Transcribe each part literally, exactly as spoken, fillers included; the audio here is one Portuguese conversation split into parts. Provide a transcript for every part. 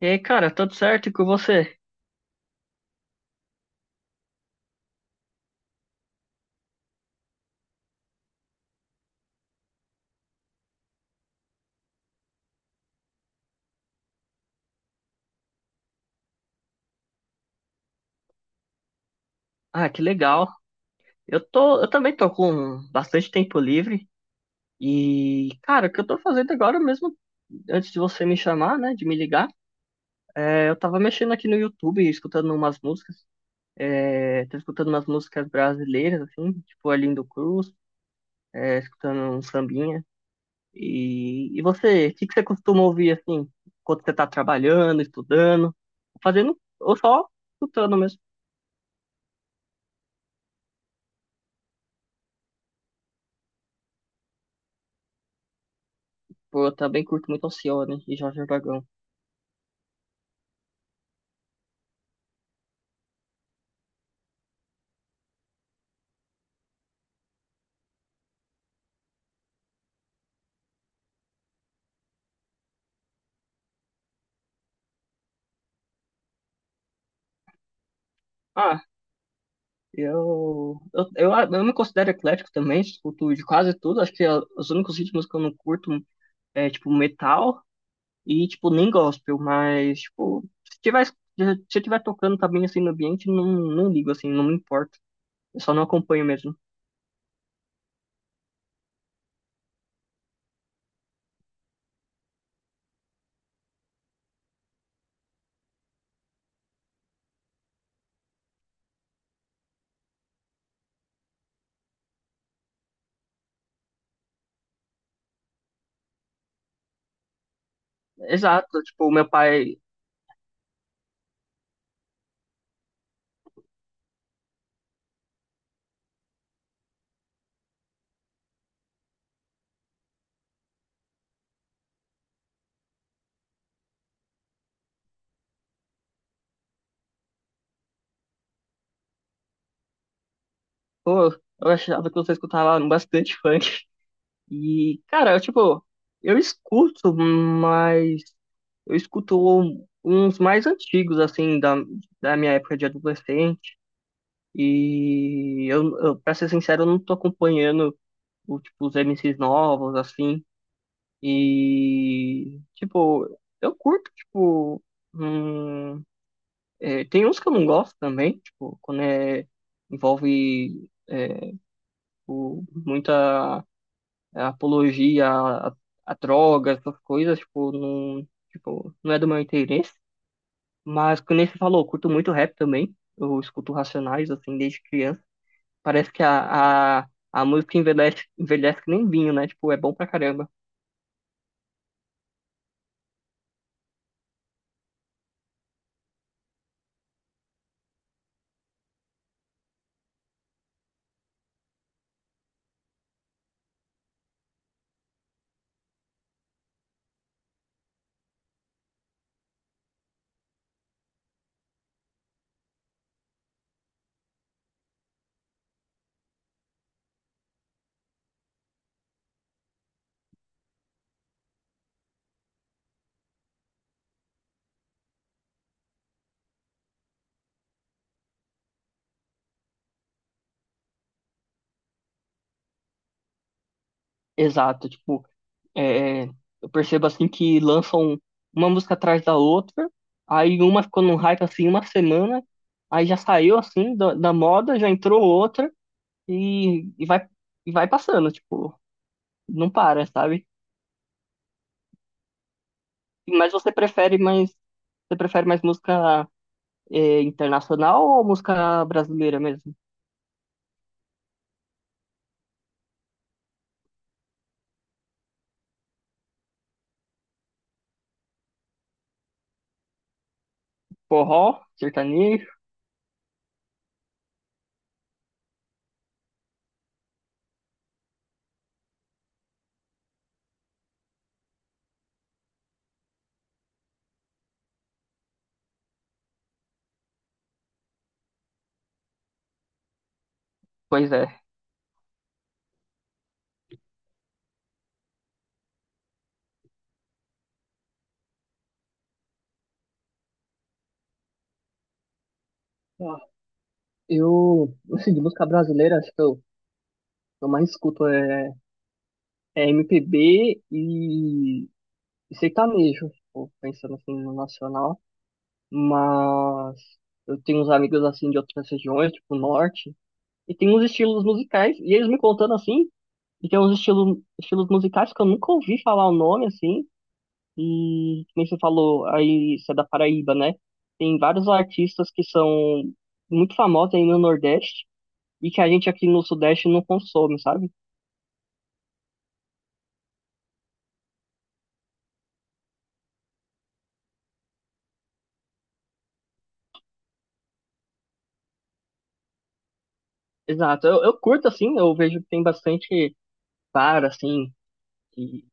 E aí, cara, tudo certo e com você? Ah, que legal. Eu tô, eu também tô com bastante tempo livre e, cara, o que eu tô fazendo agora mesmo, antes de você me chamar, né, de me ligar, é, eu tava mexendo aqui no YouTube, escutando umas músicas, é, tô escutando umas músicas brasileiras, assim, tipo Arlindo Cruz, é, escutando um sambinha. E, e você, o que que você costuma ouvir, assim, quando você tá trabalhando, estudando, fazendo, ou só escutando mesmo? Pô, eu também curto muito Alcione e Jorge Aragão. Ah, eu, eu, eu, eu me considero eclético também, escuto de quase tudo. Acho que a- os únicos ritmos que eu não curto é, tipo, metal e, tipo, nem gospel. Mas, tipo, se tiver, se eu tiver tocando também, assim, no ambiente, não, não ligo, assim, não me importo. Eu só não acompanho mesmo. Exato, tipo, o meu pai... Pô, eu achava que você escutava bastante funk. E, cara, eu, tipo, eu escuto, mas eu escuto uns mais antigos, assim, da, da minha época de adolescente. E eu, eu, pra ser sincero, eu não tô acompanhando o, tipo, os M Cs novos, assim. E, tipo, eu curto, tipo. hum, é, tem uns que eu não gosto também, tipo, quando é, envolve é, o, muita. A apologia a, a drogas, essas coisas, tipo, não, tipo, não é do meu interesse. Mas, como você falou, eu curto muito rap também. Eu escuto Racionais, assim, desde criança. Parece que a, a, a música envelhece, envelhece que nem vinho, né? Tipo, é bom pra caramba. Exato, tipo, é, eu percebo, assim, que lançam uma música atrás da outra. Aí uma ficou num hype, assim, uma semana. Aí já saiu, assim, da, da moda, já entrou outra. E, e vai, e vai passando, tipo... não para, sabe? Mas você prefere mais, Você prefere mais música eh, internacional ou música brasileira mesmo? Forró, sertanejo? Pois é. Ah, eu, assim, de música brasileira, acho que eu, eu mais escuto é, é M P B e, e sertanejo, tipo, pensando assim no nacional. Mas eu tenho uns amigos assim de outras regiões, tipo norte, e tem uns estilos musicais, e eles me contando assim. E tem uns estilos, estilos musicais que eu nunca ouvi falar o nome, assim. E, como você falou, aí você é da Paraíba, né? Tem vários artistas que são muito famosos aí no Nordeste e que a gente aqui no Sudeste não consome, sabe? Exato. Eu, eu curto, assim, eu vejo que tem bastante para, assim, que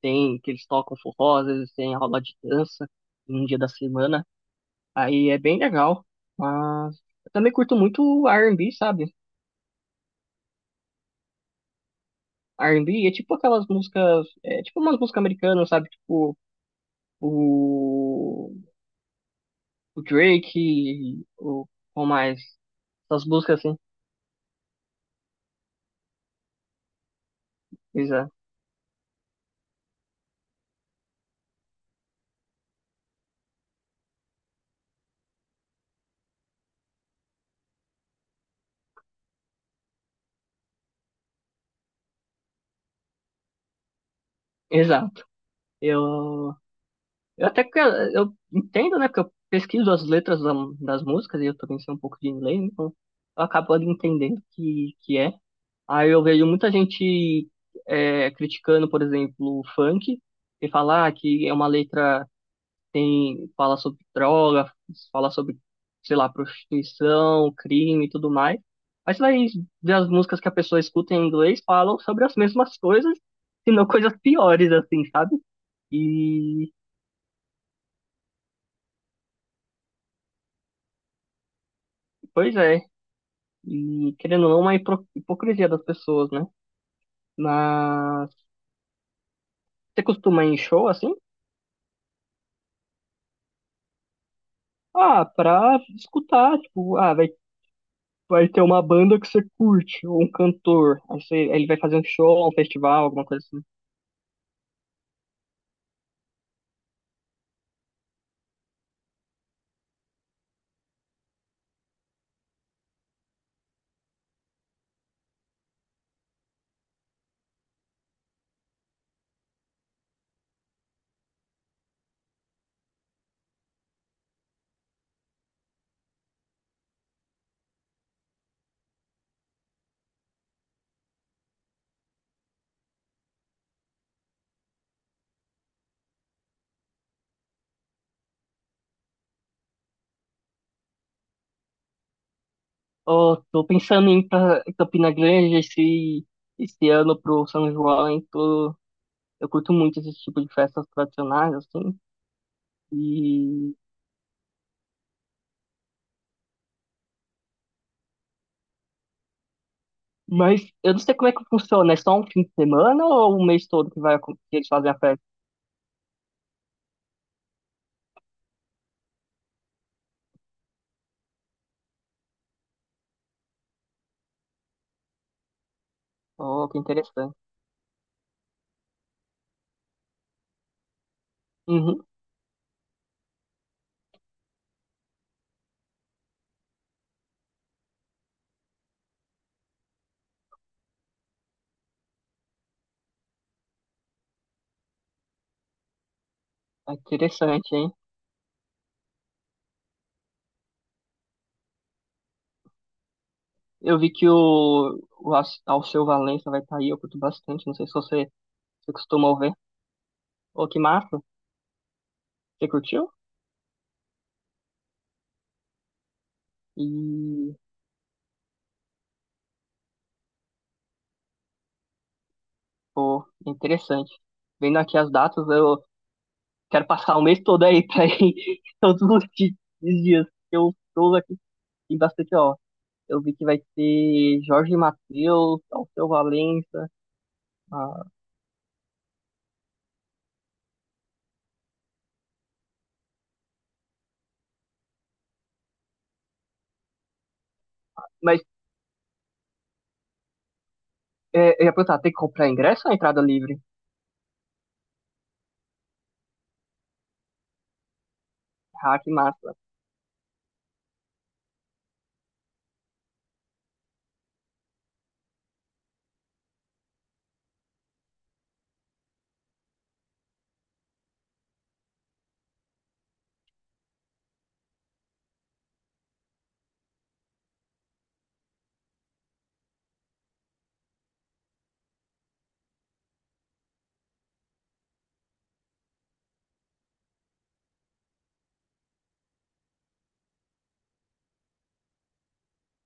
tem, que eles tocam forró, às vezes tem aula de dança em um dia da semana. Aí é bem legal. Mas eu também curto muito o R and B, sabe? R and B é tipo aquelas músicas, é tipo umas músicas americanas, sabe? Tipo o, o Drake, o qual mais? Essas músicas assim. Exa- Exato. Eu, eu até que eu entendo, né? Porque eu pesquiso as letras da- das músicas e eu também sei um pouco de inglês, então eu acabo ali entendendo que que é. Aí eu vejo muita gente é, criticando, por exemplo, o funk e falar que é uma letra tem fala sobre droga, fala sobre, sei lá, prostituição, crime e tudo mais. Mas você vai ver as músicas que a pessoa escuta em inglês falam sobre as mesmas coisas, se não coisas piores, assim, sabe? E, pois é, e querendo ou não, é uma hipro- hipocrisia das pessoas, né? Mas você costuma ir em show, assim? Ah, pra escutar, tipo, ah, vai, vai ter uma banda que você curte, ou um cantor, aí você, ele vai fazer um show, um festival, alguma coisa assim. Oh, tô pensando em ir pra Campina Grande esse, esse ano pro São João, hein? Tô, eu curto muito esse tipo de festas tradicionais, assim. E... Mas eu não sei como é que funciona, é só um fim de semana ou o mês todo que vai acon- que eles fazem a festa? Oh, que interessante. Uhum, é interessante, hein? Eu vi que o, o Al- Alceu Valença vai estar aí, eu curto bastante. Não sei se você, você costuma ouvir. Oh, que massa! Você curtiu? E, pô, interessante. Vendo aqui as datas, eu, quero passar o mês todo aí pra ir todos os di- os dias. Eu estou aqui em bastante, ó. Eu vi que vai ter Jorge Mateus, Alceu Valença. Ah, mas é, eu ia perguntar, tem que comprar ingresso ou é entrada livre? Ah, que massa.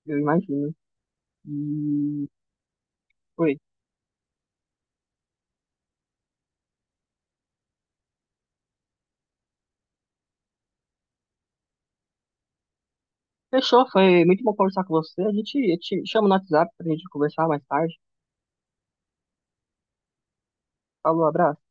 Eu imagino. E foi. Fechou, foi muito bom conversar com você. A gente, eu te chama no WhatsApp pra gente conversar mais tarde. Falou, abraço.